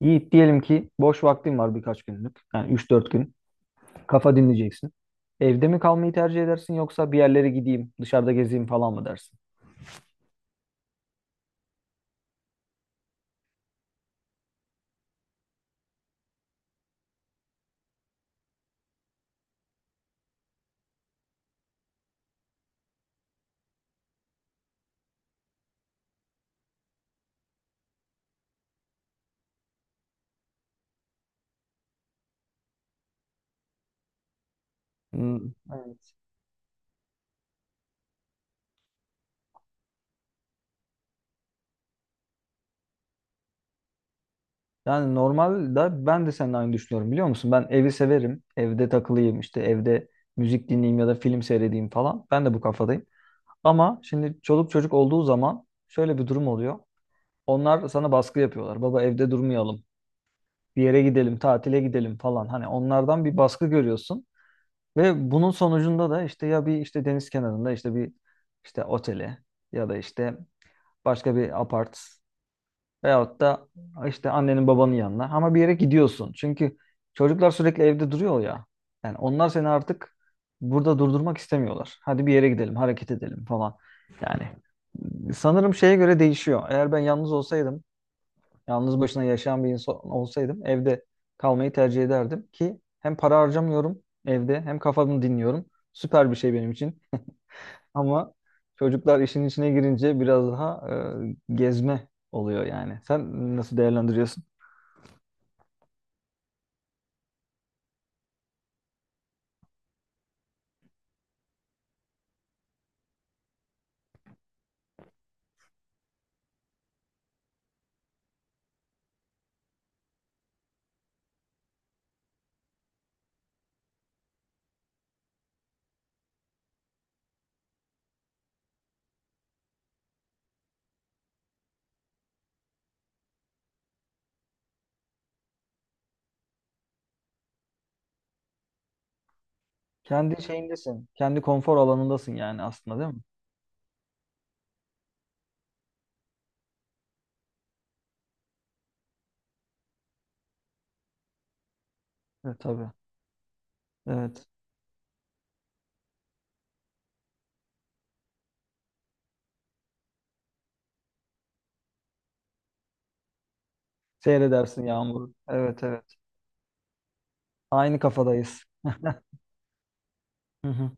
Yiğit diyelim ki boş vaktin var birkaç günlük. Yani üç dört gün. Kafa dinleyeceksin. Evde mi kalmayı tercih edersin yoksa bir yerlere gideyim, dışarıda gezeyim falan mı dersin? Hmm, evet. Yani normalde ben de seninle aynı düşünüyorum biliyor musun? Ben evi severim. Evde takılayım işte evde müzik dinleyeyim ya da film seyredeyim falan. Ben de bu kafadayım. Ama şimdi çoluk çocuk olduğu zaman şöyle bir durum oluyor. Onlar sana baskı yapıyorlar. Baba evde durmayalım. Bir yere gidelim, tatile gidelim falan. Hani onlardan bir baskı görüyorsun. Ve bunun sonucunda da işte ya bir işte deniz kenarında işte bir işte otele ya da işte başka bir apart veyahut da işte annenin babanın yanına ama bir yere gidiyorsun. Çünkü çocuklar sürekli evde duruyor ya. Yani onlar seni artık burada durdurmak istemiyorlar. Hadi bir yere gidelim, hareket edelim falan. Yani sanırım şeye göre değişiyor. Eğer ben yalnız olsaydım yalnız başına yaşayan bir insan olsaydım evde kalmayı tercih ederdim ki hem para harcamıyorum evde hem kafamı dinliyorum. Süper bir şey benim için. Ama çocuklar işin içine girince biraz daha gezme oluyor yani. Sen nasıl değerlendiriyorsun? Kendi şeyindesin. Kendi konfor alanındasın yani aslında değil mi? Evet tabii. Evet. Seyredersin yağmuru. Evet evet. Aynı kafadayız. Hı hı.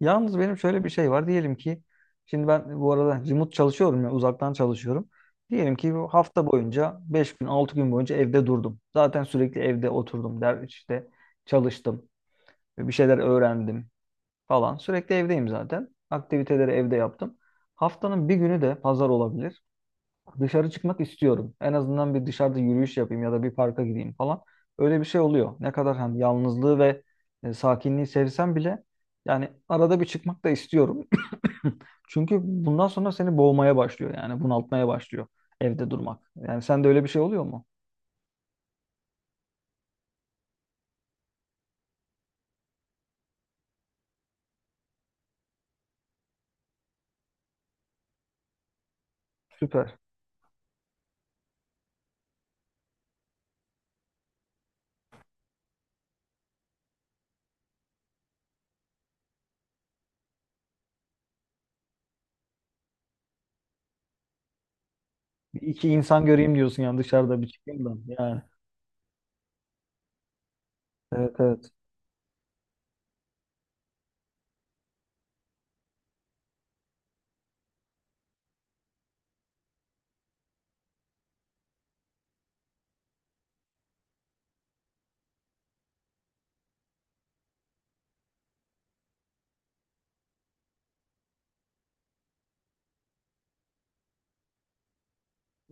Yalnız benim şöyle bir şey var. Diyelim ki şimdi ben bu arada remote çalışıyorum ya uzaktan çalışıyorum. Diyelim ki bu hafta boyunca 5 gün 6 gün boyunca evde durdum. Zaten sürekli evde oturdum der işte çalıştım. Bir şeyler öğrendim falan. Sürekli evdeyim zaten. Aktiviteleri evde yaptım. Haftanın bir günü de pazar olabilir. Dışarı çıkmak istiyorum. En azından bir dışarıda yürüyüş yapayım ya da bir parka gideyim falan. Öyle bir şey oluyor. Ne kadar hani yalnızlığı ve sakinliği sevsem bile yani arada bir çıkmak da istiyorum. Çünkü bundan sonra seni boğmaya başlıyor yani bunaltmaya başlıyor evde durmak. Yani sende öyle bir şey oluyor mu? Süper. Bir iki insan göreyim diyorsun yani dışarıda bir çıkayım da yani. Evet evet.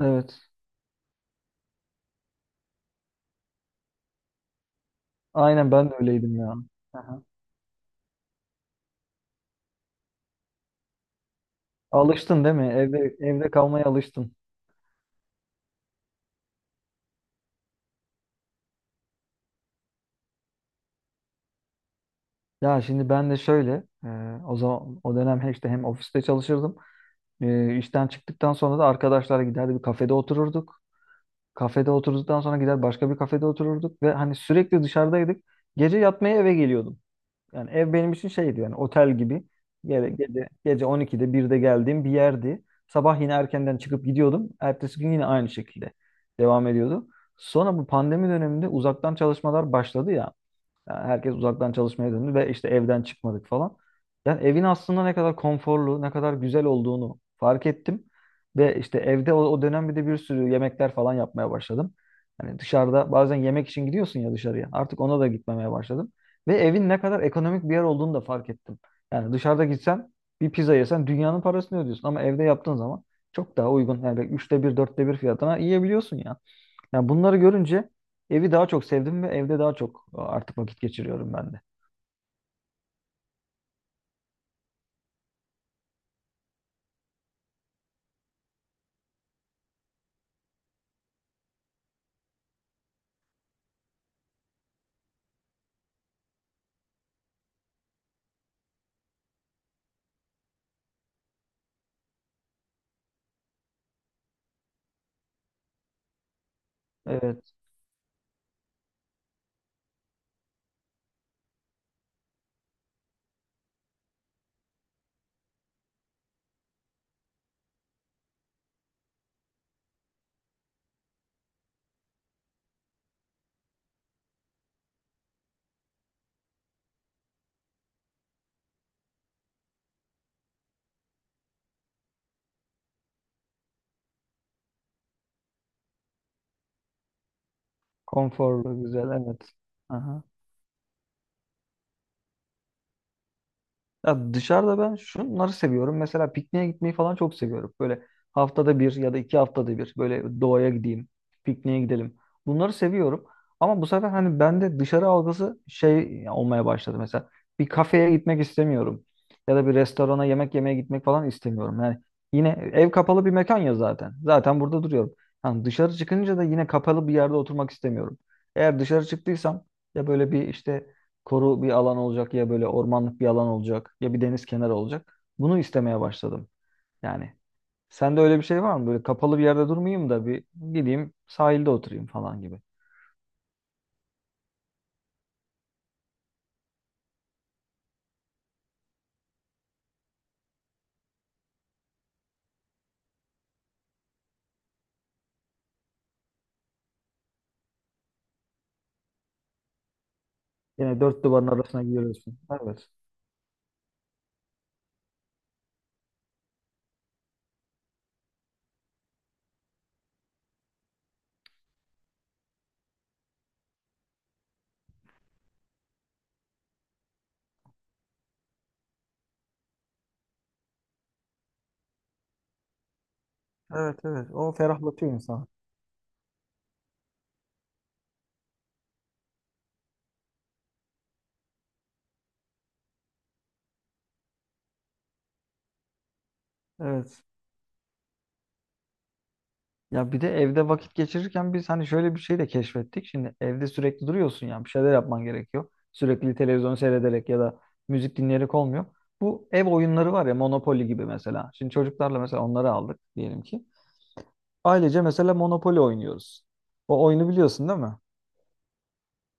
Evet. Aynen ben de öyleydim ya. Aha. Alıştın değil mi? Evde evde kalmaya alıştın. Ya şimdi ben de şöyle e, o zaman o dönem hem işte hem ofiste çalışırdım. E, işten çıktıktan sonra da arkadaşlara giderdi bir kafede otururduk. Kafede oturduktan sonra gider başka bir kafede otururduk ve hani sürekli dışarıdaydık. Gece yatmaya eve geliyordum. Yani ev benim için şeydi yani otel gibi. Gece, gece, gece 12'de 1'de geldiğim bir yerdi. Sabah yine erkenden çıkıp gidiyordum. Ertesi gün yine aynı şekilde devam ediyordu. Sonra bu pandemi döneminde uzaktan çalışmalar başladı ya. Yani herkes uzaktan çalışmaya döndü ve işte evden çıkmadık falan. Yani evin aslında ne kadar konforlu, ne kadar güzel olduğunu fark ettim. Ve işte evde o dönem bir de bir sürü yemekler falan yapmaya başladım. Hani dışarıda bazen yemek için gidiyorsun ya dışarıya. Artık ona da gitmemeye başladım. Ve evin ne kadar ekonomik bir yer olduğunu da fark ettim. Yani dışarıda gitsen bir pizza yesen dünyanın parasını ödüyorsun. Ama evde yaptığın zaman çok daha uygun. Yani üçte bir, dörtte bir fiyatına yiyebiliyorsun ya. Yani bunları görünce evi daha çok sevdim ve evde daha çok artık vakit geçiriyorum ben de. Evet. Konforlu, güzel, evet. Aha. Ya dışarıda ben şunları seviyorum. Mesela pikniğe gitmeyi falan çok seviyorum. Böyle haftada bir ya da iki haftada bir böyle doğaya gideyim, pikniğe gidelim. Bunları seviyorum. Ama bu sefer hani bende dışarı algısı şey olmaya başladı mesela. Bir kafeye gitmek istemiyorum. Ya da bir restorana yemek yemeye gitmek falan istemiyorum. Yani yine ev kapalı bir mekan ya zaten. Zaten burada duruyorum. Yani dışarı çıkınca da yine kapalı bir yerde oturmak istemiyorum. Eğer dışarı çıktıysam ya böyle bir işte koru bir alan olacak ya böyle ormanlık bir alan olacak ya bir deniz kenarı olacak. Bunu istemeye başladım. Yani sende öyle bir şey var mı? Böyle kapalı bir yerde durmayayım da bir gideyim sahilde oturayım falan gibi. Yine dört duvarın arasına giriyorsun. Evet. Evet evet. O ferahlatıyor insanı. Evet. Ya bir de evde vakit geçirirken biz hani şöyle bir şey de keşfettik. Şimdi evde sürekli duruyorsun ya bir şeyler yapman gerekiyor. Sürekli televizyon seyrederek ya da müzik dinleyerek olmuyor. Bu ev oyunları var ya Monopoly gibi mesela. Şimdi çocuklarla mesela onları aldık diyelim ki. Ailece mesela Monopoly oynuyoruz. O oyunu biliyorsun değil mi?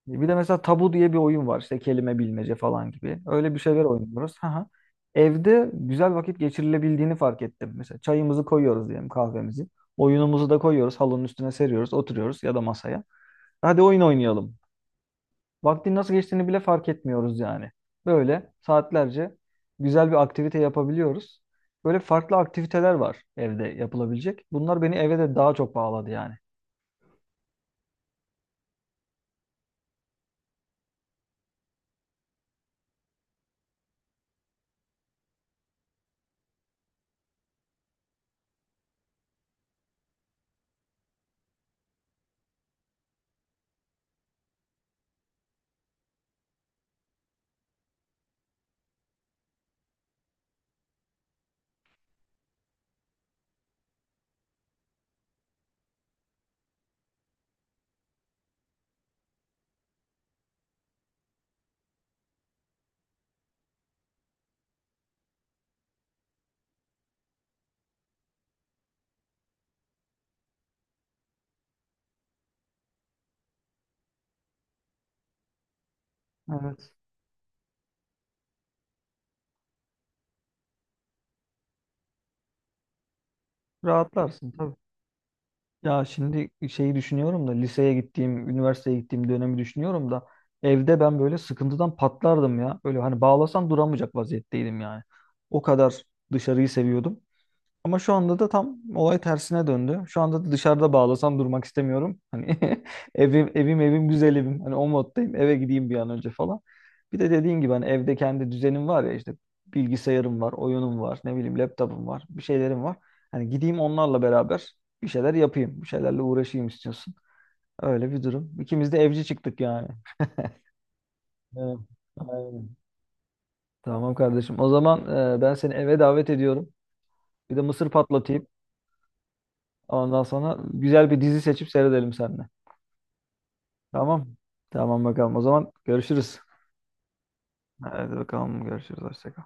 Bir de mesela tabu diye bir oyun var işte kelime bilmece falan gibi. Öyle bir şeyler oynuyoruz. Hı hı. Evde güzel vakit geçirilebildiğini fark ettim. Mesela çayımızı koyuyoruz diyelim kahvemizi. Oyunumuzu da koyuyoruz halının üstüne seriyoruz oturuyoruz ya da masaya. Hadi oyun oynayalım. Vaktin nasıl geçtiğini bile fark etmiyoruz yani. Böyle saatlerce güzel bir aktivite yapabiliyoruz. Böyle farklı aktiviteler var evde yapılabilecek. Bunlar beni eve de daha çok bağladı yani. Evet. Rahatlarsın tabii. Ya şimdi şeyi düşünüyorum da liseye gittiğim, üniversiteye gittiğim dönemi düşünüyorum da evde ben böyle sıkıntıdan patlardım ya. Böyle hani bağlasan duramayacak vaziyetteydim yani. O kadar dışarıyı seviyordum. Ama şu anda da tam olay tersine döndü. Şu anda da dışarıda bağlasam durmak istemiyorum. Hani evim evim evim güzel evim. Hani o moddayım. Eve gideyim bir an önce falan. Bir de dediğin gibi hani evde kendi düzenim var ya işte bilgisayarım var, oyunum var, ne bileyim laptopum var, bir şeylerim var. Hani gideyim onlarla beraber bir şeyler yapayım, bir şeylerle uğraşayım istiyorsun. Öyle bir durum. İkimiz de evci çıktık yani. Evet, aynen. Tamam kardeşim. O zaman ben seni eve davet ediyorum. Bir de mısır patlatayım. Ondan sonra güzel bir dizi seçip seyredelim seninle. Tamam. Tamam bakalım. O zaman görüşürüz. Hadi bakalım görüşürüz. Hoşça kal.